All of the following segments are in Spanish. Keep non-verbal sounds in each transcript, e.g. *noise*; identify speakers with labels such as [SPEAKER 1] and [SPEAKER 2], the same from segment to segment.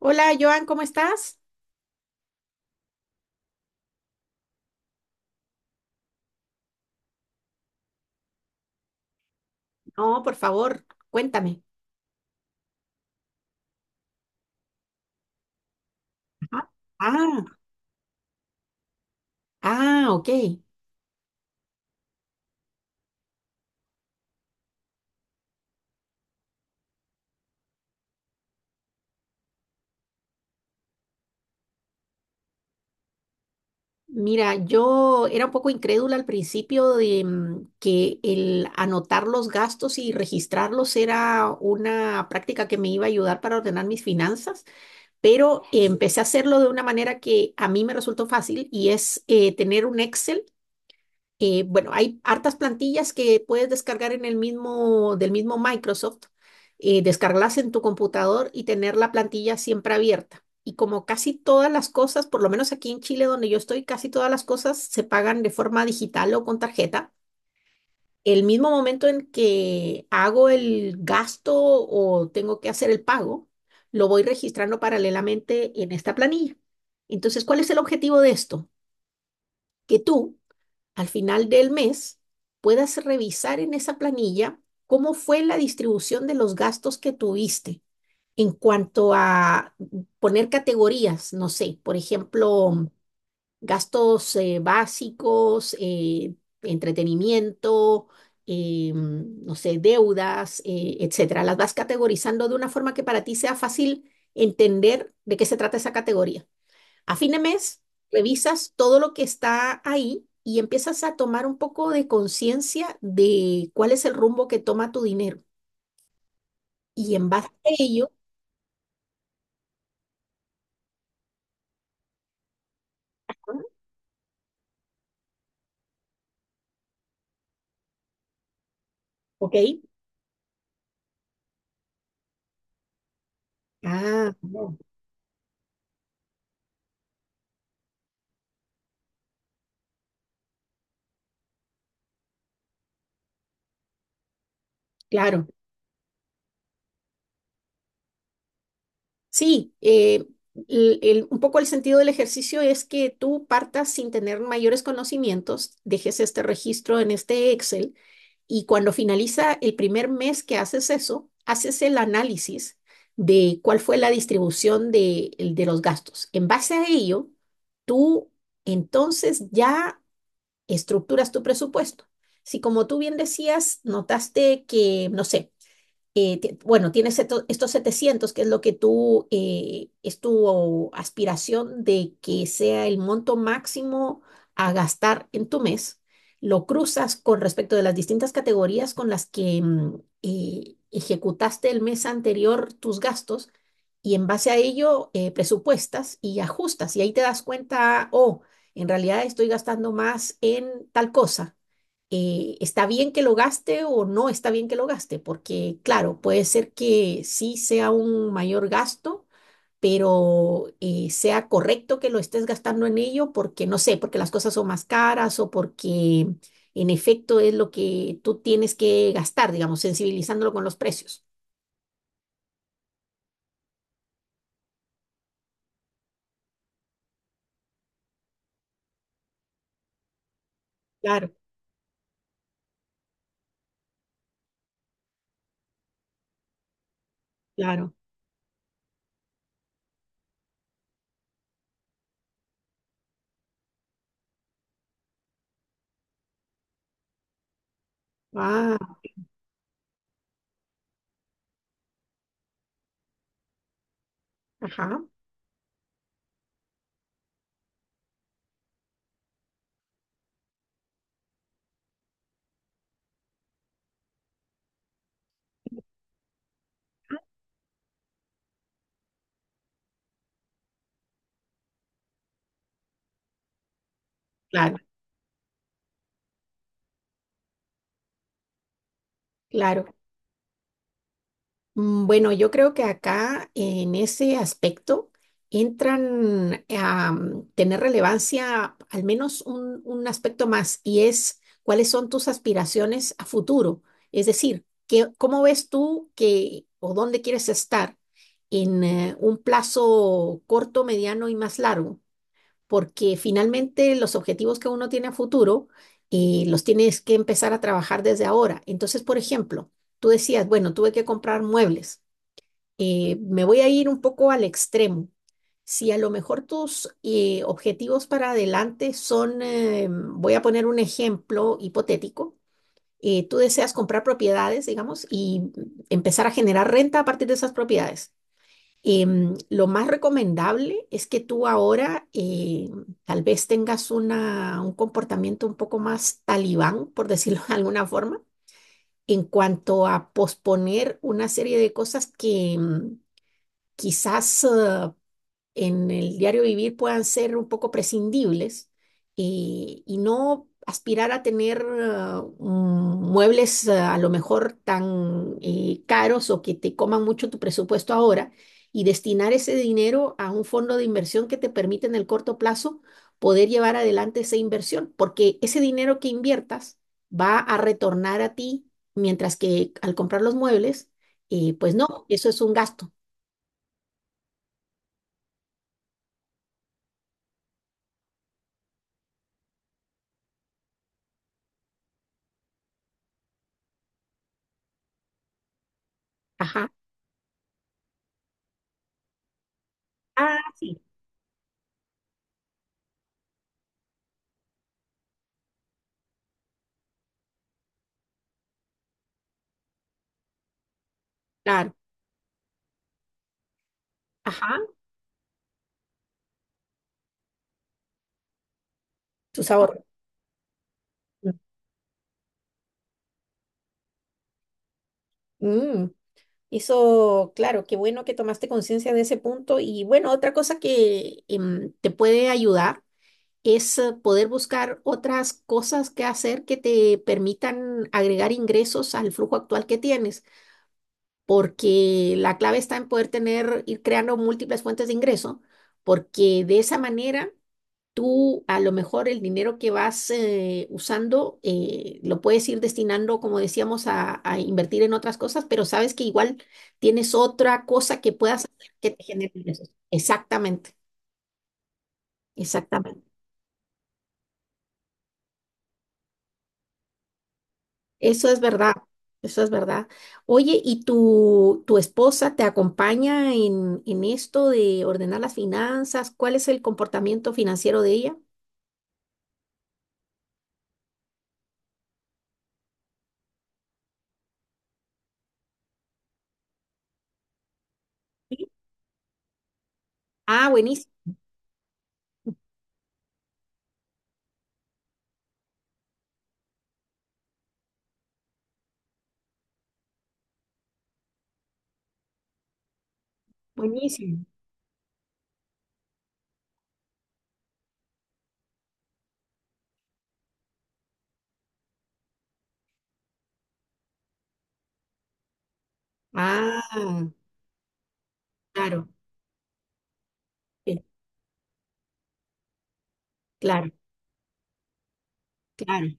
[SPEAKER 1] Hola, Joan, ¿cómo estás? No, por favor, cuéntame. Ajá. Ah, ah, ok. Mira, yo era un poco incrédula al principio de que el anotar los gastos y registrarlos era una práctica que me iba a ayudar para ordenar mis finanzas, pero empecé a hacerlo de una manera que a mí me resultó fácil y es tener un Excel. Bueno, hay hartas plantillas que puedes descargar en del mismo Microsoft, descargarlas en tu computador y tener la plantilla siempre abierta. Y como casi todas las cosas, por lo menos aquí en Chile donde yo estoy, casi todas las cosas se pagan de forma digital o con tarjeta. El mismo momento en que hago el gasto o tengo que hacer el pago, lo voy registrando paralelamente en esta planilla. Entonces, ¿cuál es el objetivo de esto? Que tú al final del mes puedas revisar en esa planilla cómo fue la distribución de los gastos que tuviste en cuanto a poner categorías, no sé, por ejemplo, gastos básicos, entretenimiento. Eh, no sé, deudas, etcétera. Las vas categorizando de una forma que para ti sea fácil entender de qué se trata esa categoría. A fin de mes, revisas todo lo que está ahí y empiezas a tomar un poco de conciencia de cuál es el rumbo que toma tu dinero. Y en base a ello, Ah, ¿ok? Ah, no, claro. Sí, un poco el sentido del ejercicio es que tú partas sin tener mayores conocimientos, dejes este registro en este Excel. Y cuando finaliza el primer mes que haces eso, haces el análisis de cuál fue la distribución de los gastos. En base a ello, tú entonces ya estructuras tu presupuesto. Si como tú bien decías, notaste que, no sé, bueno, tienes estos 700, que es lo que tú, es tu aspiración de que sea el monto máximo a gastar en tu mes, lo cruzas con respecto de las distintas categorías con las que ejecutaste el mes anterior tus gastos y en base a ello presupuestas y ajustas y ahí te das cuenta, oh, en realidad estoy gastando más en tal cosa. ¿Está bien que lo gaste o no está bien que lo gaste? Porque, claro, puede ser que sí sea un mayor gasto, pero sea correcto que lo estés gastando en ello porque, no sé, porque las cosas son más caras o porque en efecto es lo que tú tienes que gastar, digamos, sensibilizándolo con los precios. Claro, claro. Ah, ajá, claro, claro. Bueno, yo creo que acá en ese aspecto entran a tener relevancia al menos un aspecto más y es cuáles son tus aspiraciones a futuro. Es decir, que, ¿cómo ves tú que o dónde quieres estar en un plazo corto, mediano y más largo? Porque finalmente los objetivos que uno tiene a futuro los tienes que empezar a trabajar desde ahora. Entonces, por ejemplo, tú decías, bueno, tuve que comprar muebles. Me voy a ir un poco al extremo. Si a lo mejor tus objetivos para adelante son, voy a poner un ejemplo hipotético, tú deseas comprar propiedades, digamos, y empezar a generar renta a partir de esas propiedades. Lo más recomendable es que tú ahora tal vez tengas un comportamiento un poco más talibán, por decirlo *laughs* de alguna forma, en cuanto a posponer una serie de cosas que quizás en el diario vivir puedan ser un poco prescindibles, y no aspirar a tener muebles a lo mejor tan caros o que te coman mucho tu presupuesto ahora y destinar ese dinero a un fondo de inversión que te permite en el corto plazo poder llevar adelante esa inversión, porque ese dinero que inviertas va a retornar a ti, mientras que al comprar los muebles, pues no, eso es un gasto. Ajá. Ah, sí, claro. Ajá, tus ahorros. Mm, Eso, claro, qué bueno que tomaste conciencia de ese punto. Y bueno, otra cosa que te puede ayudar es poder buscar otras cosas que hacer que te permitan agregar ingresos al flujo actual que tienes, porque la clave está en poder tener, ir creando múltiples fuentes de ingreso, porque de esa manera tú a lo mejor el dinero que vas usando lo puedes ir destinando, como decíamos, a invertir en otras cosas, pero sabes que igual tienes otra cosa que puedas hacer que te genere ingresos. Exactamente, exactamente. Eso es verdad, eso es verdad. Oye, ¿y tu esposa te acompaña en esto de ordenar las finanzas? ¿Cuál es el comportamiento financiero de ella? Sí. Ah, buenísimo, buenísimo. Ah, claro, sí, claro, claro.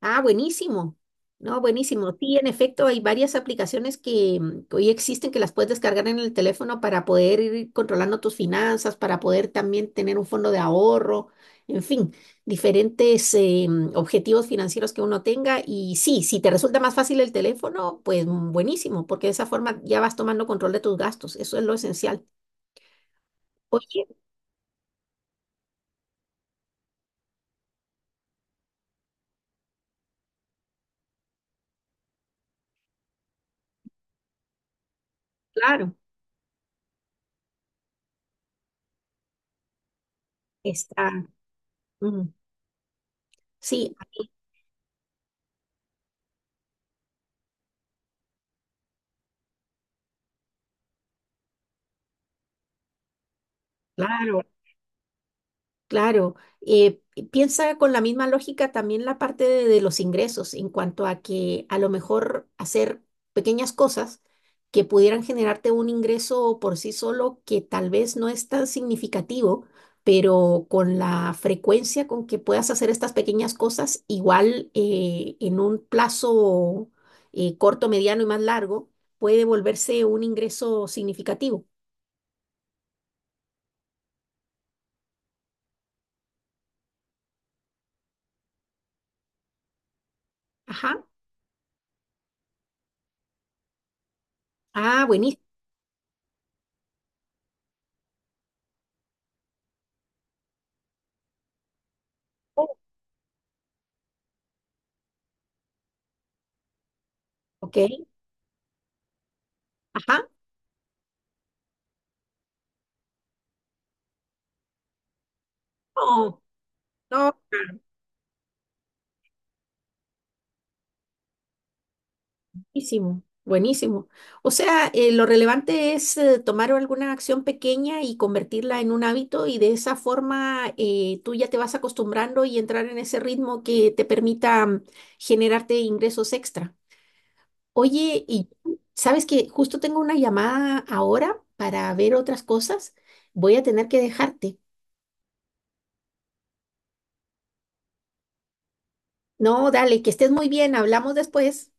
[SPEAKER 1] Ah, buenísimo. No, buenísimo. Sí, en efecto, hay varias aplicaciones que que hoy existen que las puedes descargar en el teléfono para poder ir controlando tus finanzas, para poder también tener un fondo de ahorro, en fin, diferentes objetivos financieros que uno tenga. Y sí, si te resulta más fácil el teléfono, pues buenísimo, porque de esa forma ya vas tomando control de tus gastos. Eso es lo esencial. Oye, claro, está. mm, sí, claro. Claro, eh, piensa con la misma lógica también la parte de los ingresos en cuanto a que a lo mejor hacer pequeñas cosas que pudieran generarte un ingreso por sí solo que tal vez no es tan significativo, pero con la frecuencia con que puedas hacer estas pequeñas cosas, igual en un plazo corto, mediano y más largo, puede volverse un ingreso significativo. Ajá. Ah, buenísimo. Ok. Ajá. Oh, no, claro. Buenísimo, buenísimo. O sea, lo relevante es tomar alguna acción pequeña y convertirla en un hábito y de esa forma tú ya te vas acostumbrando y entrar en ese ritmo que te permita generarte ingresos extra. Oye, y sabes que justo tengo una llamada ahora para ver otras cosas. Voy a tener que dejarte. No, dale, que estés muy bien. Hablamos después.